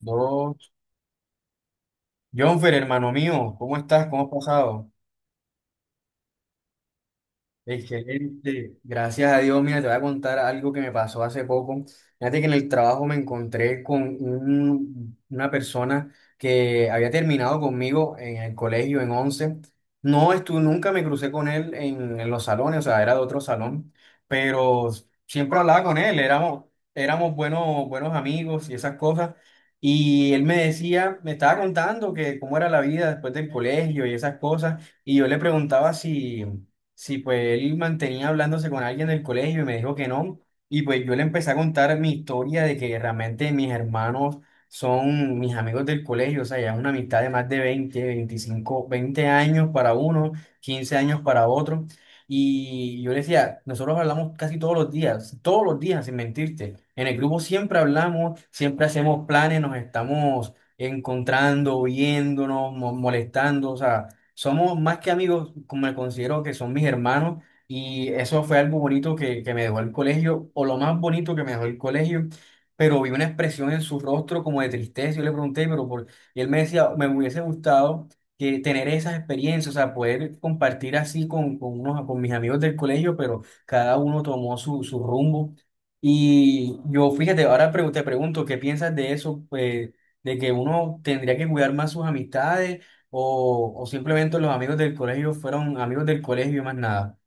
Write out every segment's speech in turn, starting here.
Dos. Jonfer, hermano mío, ¿cómo estás? ¿Cómo has pasado? Excelente, gracias a Dios. Mira, te voy a contar algo que me pasó hace poco. Fíjate que en el trabajo me encontré con una persona que había terminado conmigo en el colegio en once. No estuve, nunca me crucé con él en los salones, o sea, era de otro salón, pero siempre hablaba con él, éramos buenos, buenos amigos y esas cosas. Y él me decía, me estaba contando que cómo era la vida después del colegio y esas cosas, y yo le preguntaba si sí, pues él mantenía hablándose con alguien del colegio y me dijo que no. Y pues yo le empecé a contar mi historia de que realmente mis hermanos son mis amigos del colegio, o sea, ya es una amistad de más de 20 25 20 años para uno, 15 años para otro. Y yo le decía, nosotros hablamos casi todos los días, sin mentirte. En el grupo siempre hablamos, siempre hacemos planes, nos estamos encontrando, viéndonos, molestando, o sea somos más que amigos, como me considero que son mis hermanos, y eso fue algo bonito que me dejó el colegio, o lo más bonito que me dejó el colegio, pero vi una expresión en su rostro como de tristeza, yo le pregunté, pero por... y él me decía, me hubiese gustado que tener esas experiencias, o sea, poder compartir así con, unos, con mis amigos del colegio, pero cada uno tomó su rumbo. Y yo, fíjate, ahora te pregunto, ¿qué piensas de eso? Pues, de que uno tendría que cuidar más sus amistades o simplemente los amigos del colegio fueron amigos del colegio y más nada.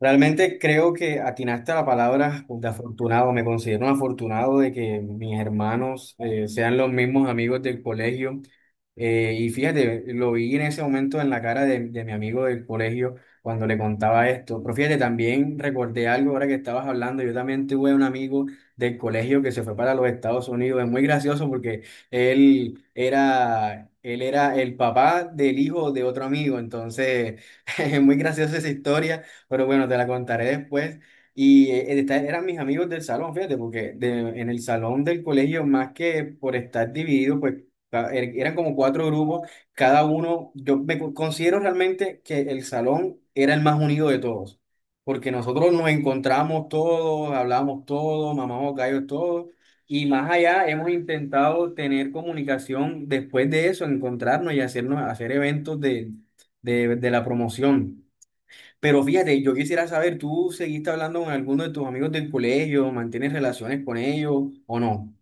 Realmente creo que atinaste a la palabra de afortunado. Me considero un afortunado de que mis hermanos sean los mismos amigos del colegio. Y fíjate, lo vi en ese momento en la cara de mi amigo del colegio cuando le contaba esto. Pero fíjate, también recordé algo ahora que estabas hablando. Yo también tuve un amigo del colegio que se fue para los Estados Unidos. Es muy gracioso porque él era el papá del hijo de otro amigo. Entonces, es muy graciosa esa historia. Pero bueno, te la contaré después. Y eran mis amigos del salón, fíjate, porque en el salón del colegio, más que por estar dividido, pues eran como cuatro grupos, cada uno, yo me considero realmente que el salón era el más unido de todos, porque nosotros nos encontramos todos, hablamos todos, mamamos gallos todos, y más allá hemos intentado tener comunicación después de eso, encontrarnos y hacernos, hacer eventos de, de la promoción. Pero fíjate, yo quisiera saber, ¿tú seguiste hablando con alguno de tus amigos del colegio? ¿Mantienes relaciones con ellos o no?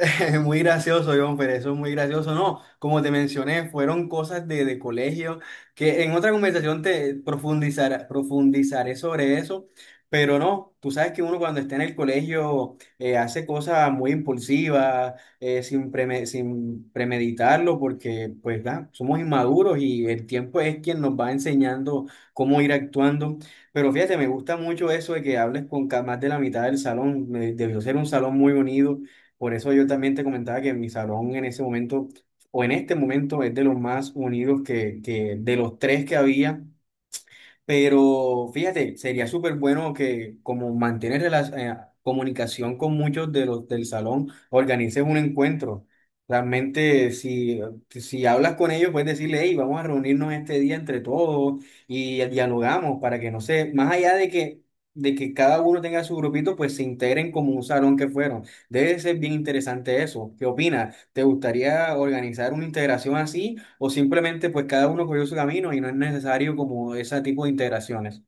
Muy gracioso, John, pero eso es muy gracioso. No, como te mencioné, fueron cosas de colegio que en otra conversación te profundizaré sobre eso, pero no, tú sabes que uno cuando está en el colegio hace cosas muy impulsivas, sin sin premeditarlo, porque pues da, somos inmaduros y el tiempo es quien nos va enseñando cómo ir actuando. Pero fíjate, me gusta mucho eso de que hables con más de la mitad del salón, debió ser un salón muy unido por eso yo también te comentaba que mi salón en ese momento, o en este momento, es de los más unidos que, de los tres que había, pero fíjate, sería súper bueno que como mantener comunicación con muchos de los del salón, organices un encuentro. Realmente, si hablas con ellos, puedes decirle, hey, vamos a reunirnos este día entre todos y dialogamos para que, no sé, más allá de que, cada uno tenga su grupito, pues se integren como un salón que fueron. Debe ser bien interesante eso. ¿Qué opinas? ¿Te gustaría organizar una integración así, o simplemente pues cada uno cogió su camino y no es necesario como ese tipo de integraciones?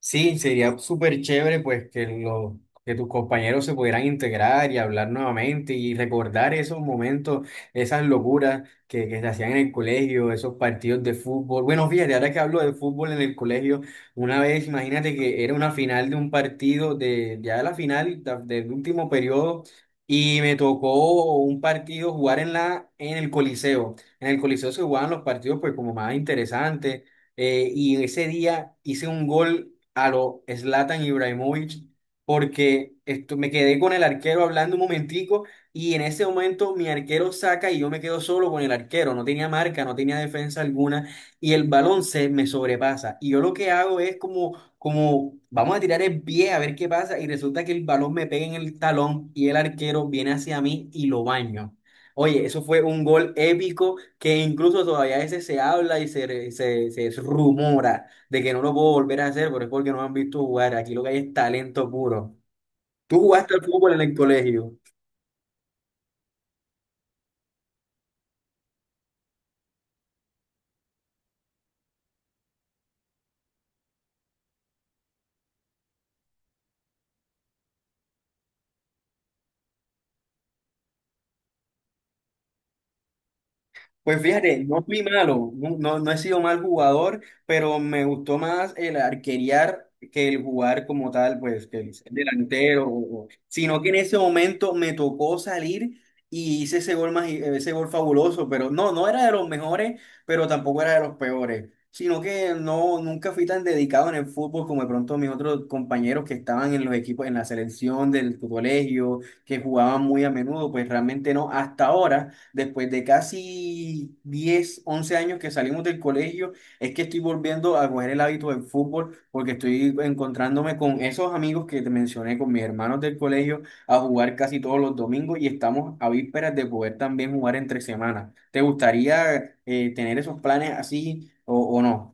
Sí, sería súper chévere pues que tus compañeros se pudieran integrar y hablar nuevamente y recordar esos momentos, esas locuras que se hacían en el colegio, esos partidos de fútbol. Bueno, fíjate, ahora que hablo de fútbol en el colegio, una vez imagínate que era una final de un partido, de ya la del último periodo, y me tocó un partido jugar en el Coliseo. En el Coliseo se jugaban los partidos pues como más interesantes. Y ese día hice un gol a lo Zlatan Ibrahimovic porque esto, me quedé con el arquero hablando un momentico y en ese momento mi arquero saca y yo me quedo solo con el arquero, no tenía marca, no tenía defensa alguna y el balón se me sobrepasa y yo lo que hago es como, como vamos a tirar el pie a ver qué pasa y resulta que el balón me pega en el talón y el arquero viene hacia mí y lo baño. Oye, eso fue un gol épico que incluso todavía a veces se habla y se, se rumora de que no lo puedo volver a hacer, pero es porque no me han visto jugar. Aquí lo que hay es talento puro. ¿Tú jugaste al fútbol en el colegio? Pues fíjate, no fui malo, no, no, no he sido mal jugador, pero me gustó más el arquerear que el jugar como tal, pues que el ser delantero, sino que en ese momento me tocó salir y hice ese gol, más ese gol fabuloso, pero no, no era de los mejores, pero tampoco era de los peores, sino que no, nunca fui tan dedicado en el fútbol como de pronto mis otros compañeros que estaban en los equipos, en la selección del colegio, que jugaban muy a menudo, pues realmente no, hasta ahora. Después de casi 10 11 años que salimos del colegio, es que estoy volviendo a coger el hábito del fútbol porque estoy encontrándome con esos amigos que te mencioné, con mis hermanos del colegio, a jugar casi todos los domingos y estamos a vísperas de poder también jugar entre semanas. ¿Te gustaría tener esos planes así, o no?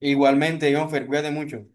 Igualmente, Jonfer, cuídate mucho.